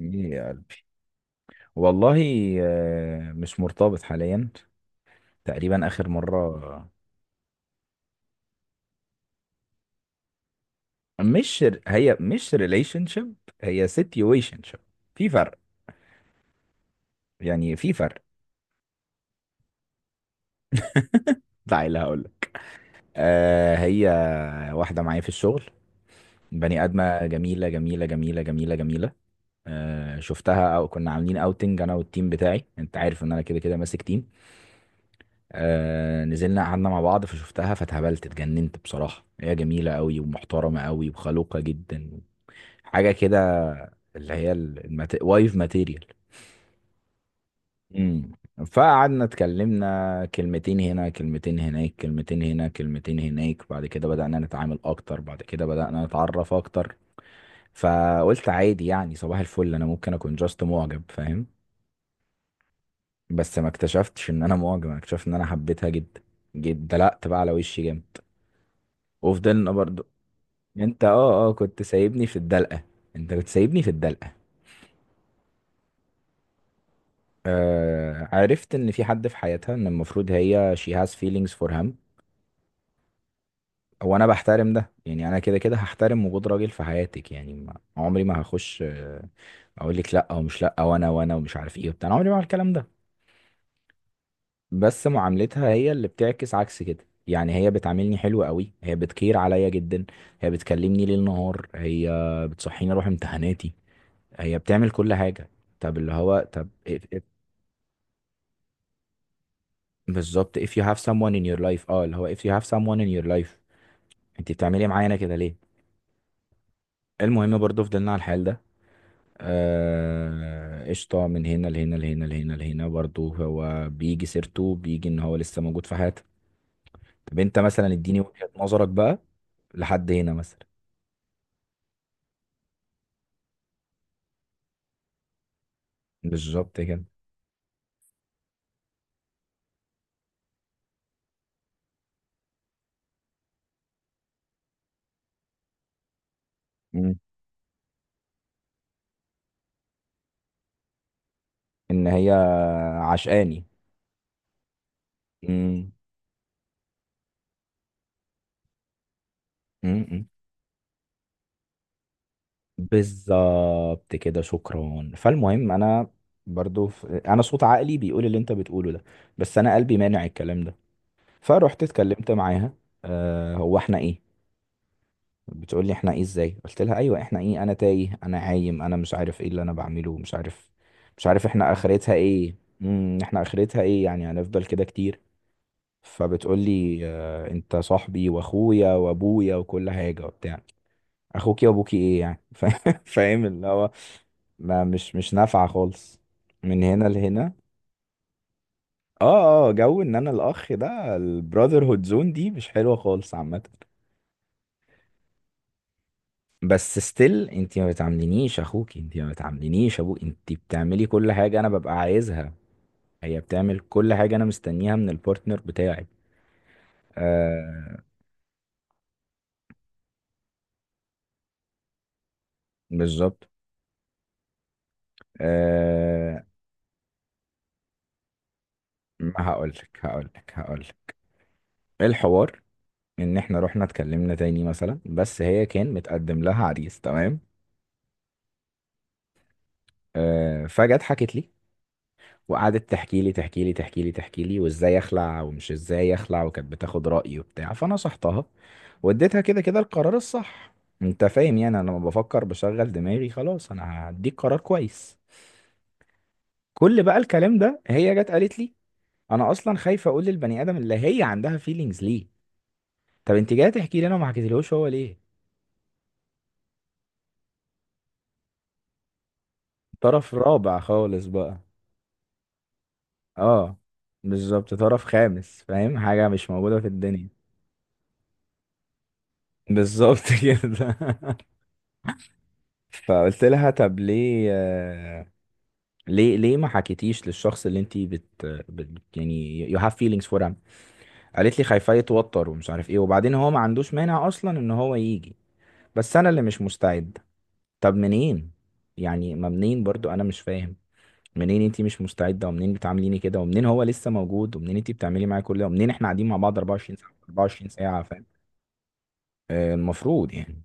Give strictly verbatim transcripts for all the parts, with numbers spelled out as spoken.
ايه يا قلبي. والله. آه، مش مرتبط حاليا، تقريبا اخر مره. مش هي، مش ريليشن شيب، هي سيتويشن شيب. في فرق، يعني في فرق. تعالى اللي هقول لك. آه هي واحده معايا في الشغل، بني ادمه جميله جميله جميله جميله جميله. آه شفتها او كنا عاملين اوتنج انا والتيم بتاعي، انت عارف ان انا كده كده ماسك تيم. آه نزلنا قعدنا مع بعض فشفتها فتهبلت اتجننت بصراحة، هي جميلة قوي ومحترمة قوي وخلوقة جدا. حاجه كده اللي هي المت... وايف ماتيريال. امم فقعدنا اتكلمنا كلمتين هنا كلمتين هناك كلمتين هنا كلمتين هناك. بعد كده بدأنا نتعامل اكتر، بعد كده بدأنا نتعرف اكتر. فقلت عادي يعني صباح الفل، انا ممكن اكون جاست معجب، فاهم؟ بس ما اكتشفتش ان انا معجب، انا اكتشفت ان انا حبيتها جدا جدا. دلقت بقى على وشي جامد وفضلنا برضو. انت اه اه كنت سايبني في الدلقة، انت كنت سايبني في الدلقة. آه عرفت ان في حد في حياتها، ان المفروض هي she has feelings for him. وانا بحترم ده، يعني انا كده كده هحترم وجود راجل في حياتك، يعني ما عمري ما هخش، آه، اقول لك لا ومش لا وانا وانا ومش عارف ايه وبتاع. أنا عمري ما هعمل الكلام ده. بس معاملتها هي اللي بتعكس عكس كده، يعني هي بتعاملني حلو قوي، هي بتكير عليا جدا، هي بتكلمني ليل نهار، هي بتصحيني اروح امتحاناتي، هي بتعمل كل حاجة. طب اللي هو طب if- if- بالظبط if you have someone in your life. اه اللي هو if you have someone in your life، انت بتعملي معانا كده ليه؟ المهم برضو فضلنا على الحال ده. آه، قشطة، من هنا لهنا لهنا لهنا لهنا، برضو هو بيجي سيرته، بيجي ان هو لسه موجود في حياتها. طب انت مثلا اديني وجهة نظرك بقى، لحد هنا مثلا. بالظبط كده. مم. ان هي عشقاني. مم. مم. مم. بالظبط كده، شكرا. فالمهم انا برضو ف... انا صوت عقلي بيقول اللي انت بتقوله ده، بس انا قلبي مانع الكلام ده. فرحت اتكلمت معاها. آه هو احنا ايه، بتقول لي احنا ايه؟ ازاي قلت لها ايوه احنا ايه؟ انا تايه، انا عايم، انا مش عارف ايه اللي انا بعمله، مش عارف، مش عارف احنا اخرتها ايه. امم احنا اخرتها ايه يعني؟ هنفضل كده كتير؟ فبتقول لي اه انت صاحبي واخويا وابويا وكل حاجه وبتاع. اخوكي وابوكي ايه يعني؟ فا- فاهم اللي هو ما مش مش نافعه خالص، من هنا لهنا. اه اه، جو ان انا الاخ ده، البراذر هود زون دي مش حلوه خالص عامه. بس ستيل انت ما بتعاملينيش اخوك، انت ما بتعاملينيش ابوك، انت بتعملي كل حاجه انا ببقى عايزها. هي بتعمل كل حاجه انا مستنيها من البارتنر بتاعي. آه. بالظبط. آه. هقول لك هقول لك هقول لك الحوار، ان احنا رحنا اتكلمنا تاني مثلا، بس هي كان متقدم لها عريس، تمام. آه فجت حكت لي، وقعدت تحكي لي تحكي لي تحكي لي تحكي لي، وازاي اخلع ومش ازاي اخلع، وكانت بتاخد رأيي وبتاع. فانا صحتها واديتها كده كده القرار الصح. انت فاهم يعني؟ انا لما بفكر بشغل دماغي، خلاص انا هديك قرار كويس. كل بقى الكلام ده هي جت قالت لي، انا اصلا خايفه اقول للبني ادم اللي هي عندها فيلينجز ليه. طب انت جايه تحكي لي، انا ما حكيتلهوش هو ليه؟ طرف رابع خالص بقى. اه. بالظبط، طرف خامس، فاهم؟ حاجه مش موجوده في الدنيا. بالظبط كده. فقلت لها طب ليه، آه، ليه ليه ما حكيتيش للشخص اللي انت بت, بت يعني you have feelings for him. قالت لي خايفاه يتوتر ومش عارف ايه، وبعدين هو ما عندوش مانع اصلا ان هو يجي، بس انا اللي مش مستعد. طب منين يعني؟ ما منين برضو انا مش فاهم، منين انت مش مستعده، ومنين بتعامليني كده، ومنين هو لسه موجود، ومنين انت بتعملي معايا كل ده، ومنين احنا قاعدين مع بعض اربعة وعشرين ساعه اربعة وعشرين ساعه، فاهم؟ آه، المفروض يعني.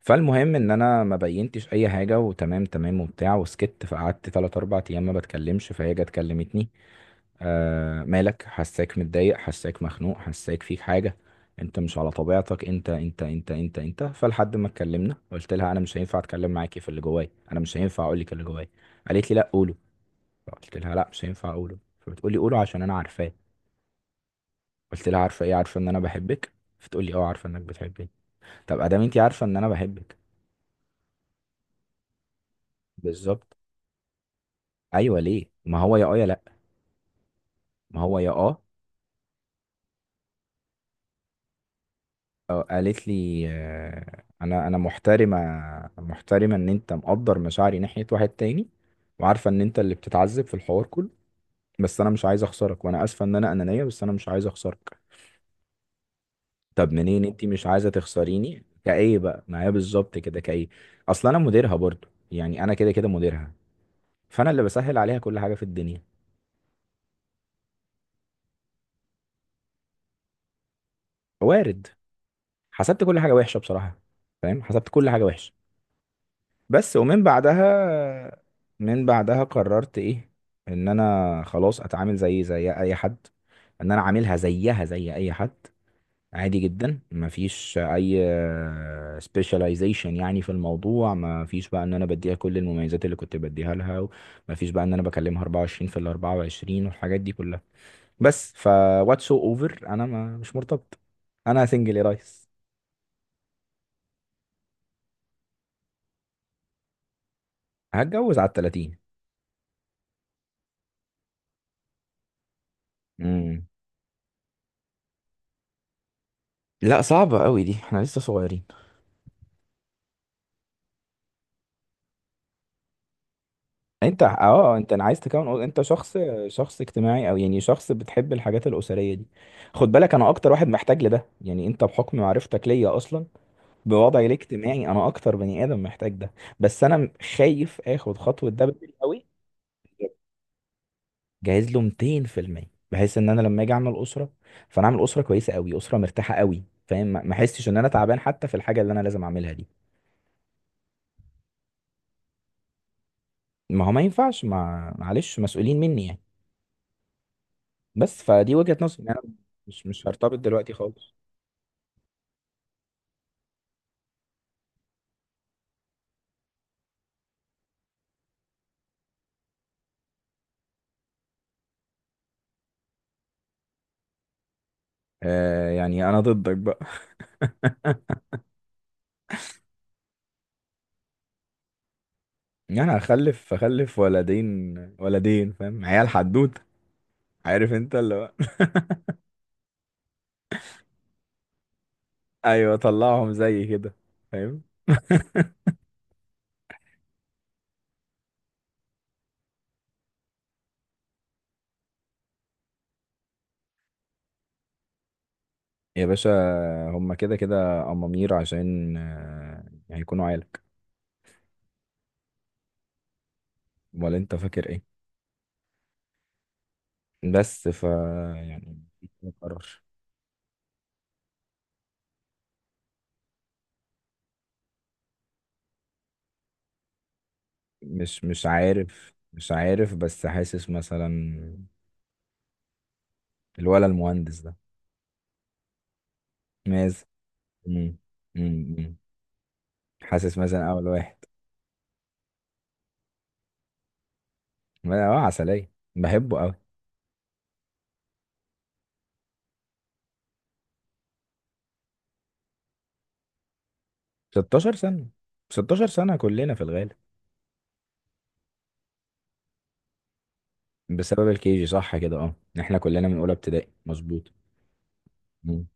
فالمهم ان انا ما بينتش اي حاجه، وتمام تمام وبتاع وسكت. فقعدت تلات اربع ايام ما بتكلمش، فهي جت كلمتني، آه مالك، حساك متضايق، حساك مخنوق، حساك فيك حاجه، انت مش على طبيعتك، انت انت انت انت انت. فلحد ما اتكلمنا قلت لها انا مش هينفع اتكلم معاكي في اللي جوايا، انا مش هينفع اقول لك اللي جوايا. قالت لي لا قوله. قلت لها لا مش هينفع اقوله. فبتقولي قوله عشان انا عارفاه. قلت لها عارفه ايه؟ عارفه ان انا بحبك. فتقولي اه عارفه انك بتحبني. طب ادام انت عارفه ان انا بحبك، بالظبط، ايوه ليه؟ ما هو يا اه يا لا، ما هو يا اه. آه، قالت لي، آه، انا انا محترمه، محترمه ان انت مقدر مشاعري ناحيه واحد تاني، وعارفه ان انت اللي بتتعذب في الحوار كله، بس انا مش عايز اخسرك. وانا اسفه ان انا انانيه، بس انا مش عايز اخسرك. طب منين انت مش عايزه تخسريني؟ كايه بقى؟ ما هي بالظبط كده كايه. اصل انا مديرها برضو، يعني انا كده كده مديرها، فانا اللي بسهل عليها كل حاجه في الدنيا. وارد. حسبت كل حاجه وحشه بصراحه، فاهم؟ حسبت كل حاجه وحشه. بس ومن بعدها، من بعدها قررت ايه، ان انا خلاص اتعامل زي زي اي حد، ان انا عاملها زيها زي اي حد، عادي جدا، مفيش اي سبيشاليزيشن يعني في الموضوع، مفيش بقى ان انا بديها كل المميزات اللي كنت بديها لها، مفيش بقى ان انا بكلمها اربعة وعشرين في ال اربعة وعشرين والحاجات دي كلها. بس ف، واتس سو اوفر، انا ما مش مرتبط، انا سنجل يا ريس. هتجوز على ال تلاتين. امم لا صعبة قوي دي، احنا لسه صغيرين. انت اه اه، انت انا عايز تكون انت شخص، شخص اجتماعي او يعني شخص بتحب الحاجات الاسريه دي. خد بالك انا اكتر واحد محتاج لده، يعني انت بحكم معرفتك ليا اصلا بوضعي الاجتماعي، انا اكتر بني ادم محتاج ده. بس انا خايف اخد خطوه ده بدري قوي. جاهز له مئتين في المية، بحيث ان انا لما اجي اعمل اسره، فانا اعمل اسره كويسه قوي، اسره مرتاحه قوي، فاهم؟ ما ما احسش ان انا تعبان حتى في الحاجه اللي انا لازم اعملها دي. ما هو ما ينفعش، ما معلش، مسؤولين مني يعني. بس فدي وجهه نظري، يعني انا مش مش هرتبط دلوقتي خالص. آه يعني انا ضدك بقى. يعني هخلف هخلف ولدين ولدين، فاهم؟ عيال حدوته. عارف انت اللي هو ايوه طلعهم زي كده، فاهم؟ يا باشا، هما كده كده أمامير، عشان آه، هيكونوا عيالك، ولا انت فاكر ايه؟ بس ف يعني قرار. مش مش عارف، مش عارف، بس حاسس مثلا الولا المهندس ده، ماز. مم. مم. مم. حاسس مثلا اول واحد. اه، عسلية بحبه قوي. ستاشر سنة، ستاشر سنة كلنا في الغالب. بسبب الكيجي صح كده، اه احنا كلنا من اولى ابتدائي، مظبوط. مم.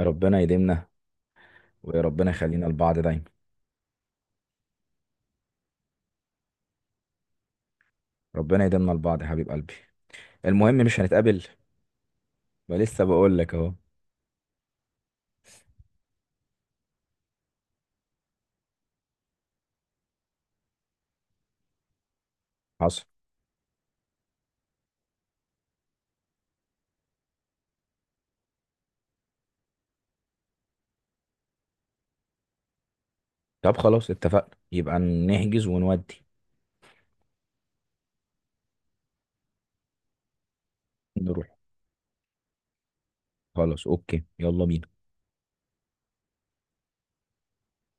ربنا يديمنا. وربنا يخلينا لبعض دايما، ربنا يديمنا لبعض يا حبيب قلبي. المهم مش هنتقابل؟ ولسه بقول لك اهو. حصل. طب خلاص اتفقنا، يبقى نحجز ونودي. نروح، خلاص، اوكي، يلا بينا.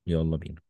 يلا بينا.